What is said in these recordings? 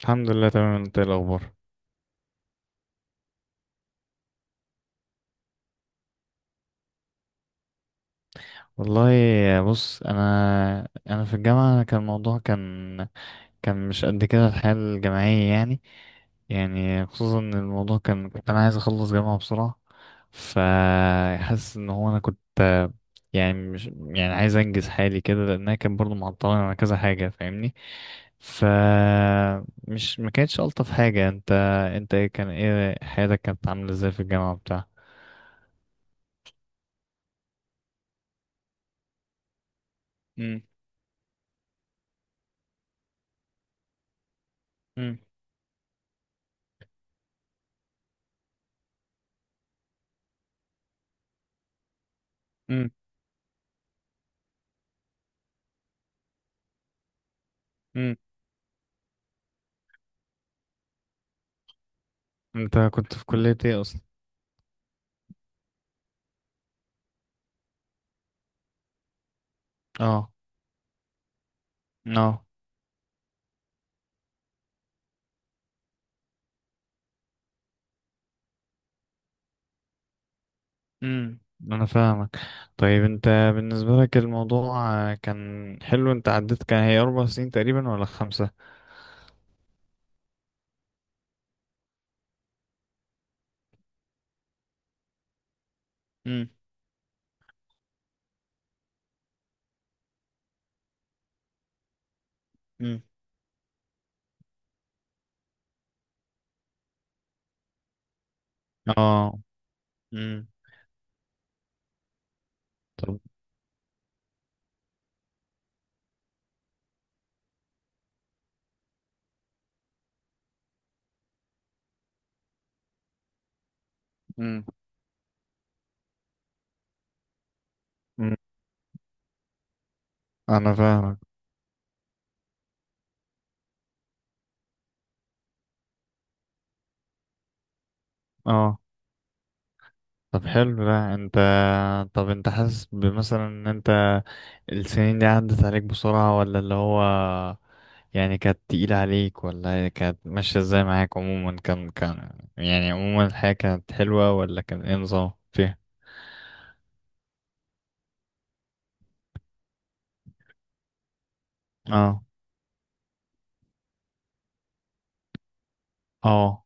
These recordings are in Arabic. الحمد لله، تمام. انت ايه الاخبار؟ والله، بص، انا في الجامعه كان الموضوع كان مش قد كده الحياه الجامعيه يعني خصوصا ان الموضوع كان، كنت انا عايز اخلص جامعه بسرعه. فحاسس ان هو انا كنت يعني مش عايز انجز حالي كده، لانها كان برضو معطلاني على كذا حاجه، فاهمني؟ ف مش، ما كانتش الطف حاجه. انت، انت ايه حياتك كانت عامله ازاي في الجامعه بتاع؟ امم انت كنت في كلية ايه اصلا؟ اه. اه. انا فاهمك. طيب، انت بالنسبة لك الموضوع كان حلو؟ انت عديت، كان هي 4 سنين تقريبا ولا 5؟ امم. امم. اه. امم. طب. امم. مم. انا فاهمك. اه. طب حلو ده. انت، طب انت حاسس بمثلا ان انت السنين دي عدت عليك بسرعة، ولا اللي هو يعني كانت تقيلة عليك، ولا هي كانت ماشية ازاي معاك؟ عموما كان يعني عموما الحياة كانت حلوة، ولا كان ايه نظام فيها؟ اه. اه.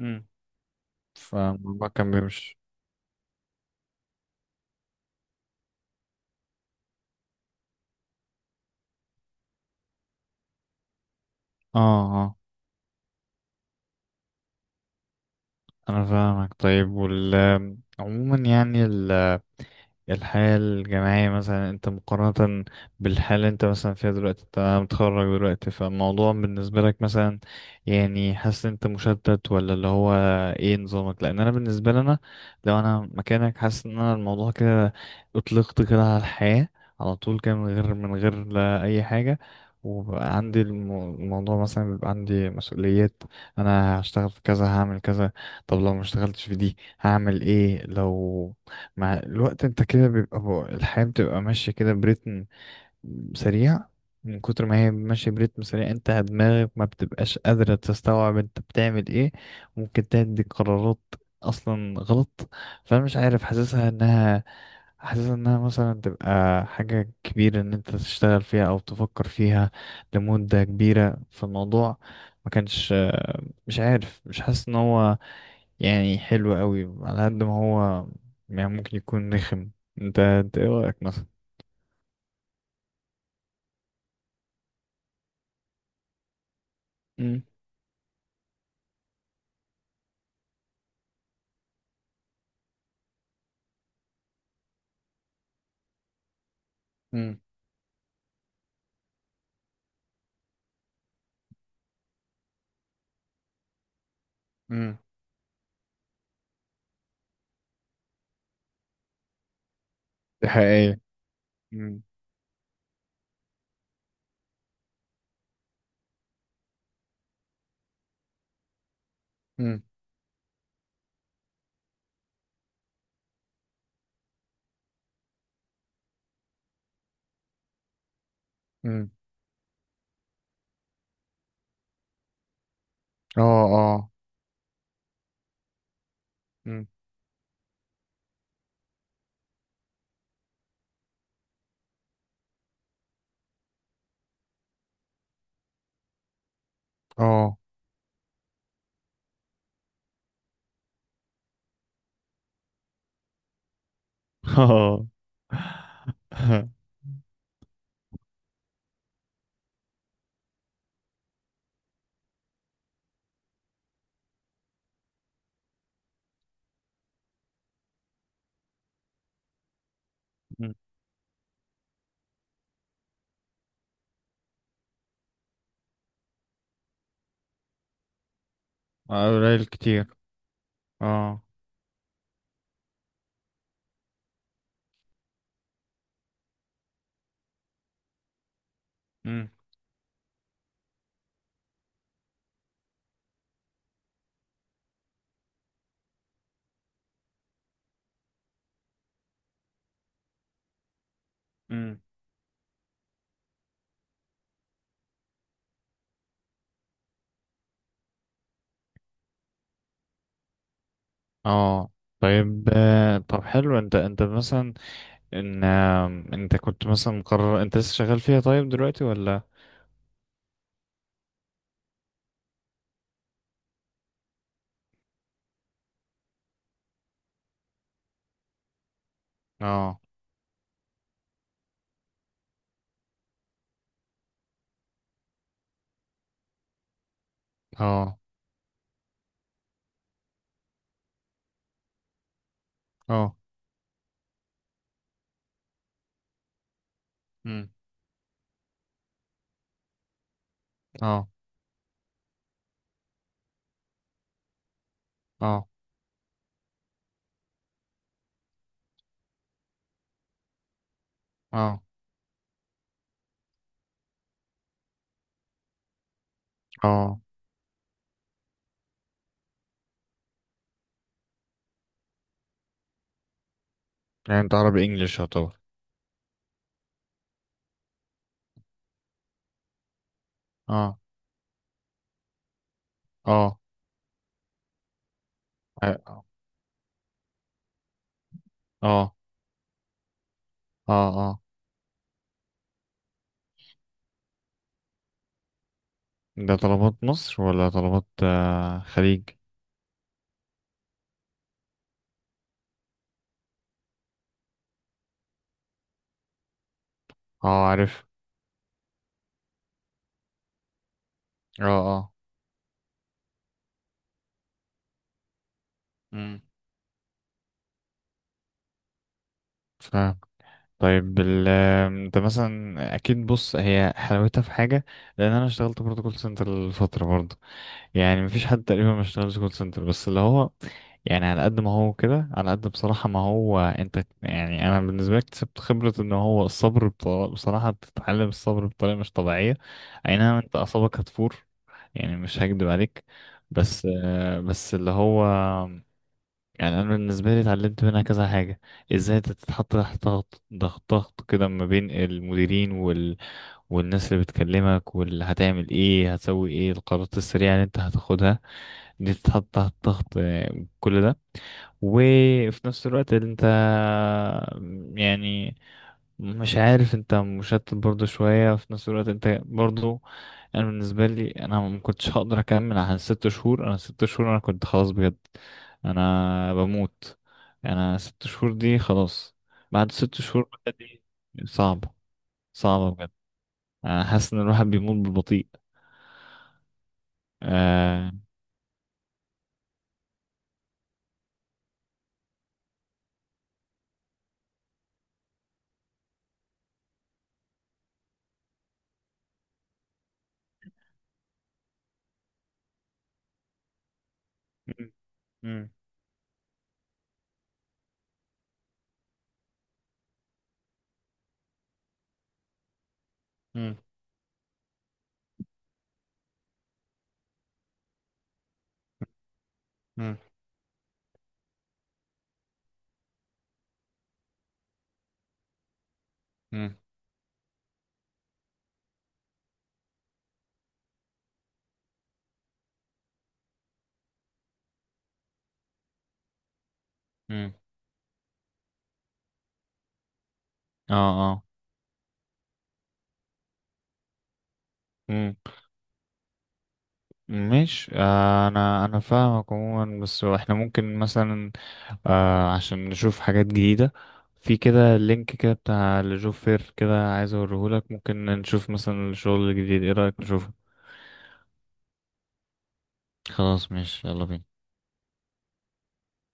امم فالموضوع كان بيمشي. اه. اه. انا فاهمك. طيب، عموما، يعني الحياة الجامعية مثلا، انت مقارنة بالحالة اللي انت مثلا فيها دلوقتي، انت متخرج دلوقتي، فالموضوع بالنسبة لك مثلا، يعني حاسس ان انت مشتت، ولا اللي هو ايه نظامك؟ لان انا بالنسبة لي، انا لو انا مكانك حاسس ان انا الموضوع كده اطلقت كده على الحياة على طول كده، من غير لا اي حاجة. وبقى عندي الموضوع مثلا، بيبقى عندي مسؤوليات. انا هشتغل في كذا، هعمل كذا. طب لو ما اشتغلتش في دي هعمل ايه؟ لو مع الوقت انت كده بيبقى الحياة بتبقى ماشية كده بريتم سريع. من كتر ما هي ماشية بريتم سريع انت دماغك ما بتبقاش قادرة تستوعب انت بتعمل ايه. ممكن تدي قرارات اصلا غلط. فانا مش عارف، حاسسها انها مثلا تبقى حاجة كبيرة ان انت تشتغل فيها او تفكر فيها لمدة كبيرة في الموضوع. ما كانش، مش عارف، مش حاسس ان هو يعني حلو قوي، على قد ما هو يعني ممكن يكون رخم. انت ايه رأيك مثلا؟ مم. مم. مم. دي حقيقية. مم. مم. مم. اه. اه. مم. اه. اه. مم. قليل كتير. اه. مم. مم. اه. طيب، طب حلو. انت مثلا، ان انت كنت مثلا مقرر، انت لسه شغال فيها طيب دلوقتي، ولا؟ اه. اه. اه. امم. اه. اه. اه. اه. يعني انت عربي انجليش يعتبر؟ اه. اه. اه. اه. اه. ده طلبات مصر، ولا طلبات خليج؟ اه، عارف. اه. اه. امم. فاهم. طيب، ال- آم، انت مثلا اكيد بص، هي حلاوتها في حاجة، لان انا اشتغلت برضه كول سنتر لفتره برضه. يعني مفيش حد تقريبا ما اشتغلش كول سنتر، بس اللي هو يعني على قد ما هو كده، على قد بصراحة ما هو انت يعني، انا بالنسبة لي اكتسبت خبرة ان هو الصبر بطريقة. بصراحة بتتعلم الصبر بطريقة مش طبيعية. اي نعم انت اعصابك هتفور، يعني مش هكدب عليك. بس اللي هو يعني انا بالنسبة لي اتعلمت منها كذا حاجة. ازاي انت تتحط تحت ضغط ضغط ضغط كده، ما بين المديرين والناس اللي بتكلمك، واللي هتعمل ايه، هتسوي ايه، القرارات السريعة اللي انت هتاخدها، بتتحط تحت ضغط، كل ده. وفي نفس الوقت انت، يعني مش عارف، انت مشتت برضه شوية. في نفس الوقت انت برضه، انا بالنسبة لي، انا ما كنتش هقدر اكمل عن 6 شهور. انا 6 شهور انا كنت خلاص بجد، انا بموت. انا 6 شهور دي خلاص. بعد 6 شهور بقى دي صعبة. صعبة بجد. انا حاسس ان الواحد بيموت بالبطيء. آه. مم. مم. مم. مم. مم. مم. اه. مم. مش انا فاهمك عموما. بس احنا ممكن مثلا عشان نشوف حاجات جديدة في كده، لينك كده بتاع لجوب فير كده، عايز اوريهولك. ممكن نشوف مثلا الشغل الجديد، ايه رأيك نشوفه؟ خلاص ماشي، يلا بينا.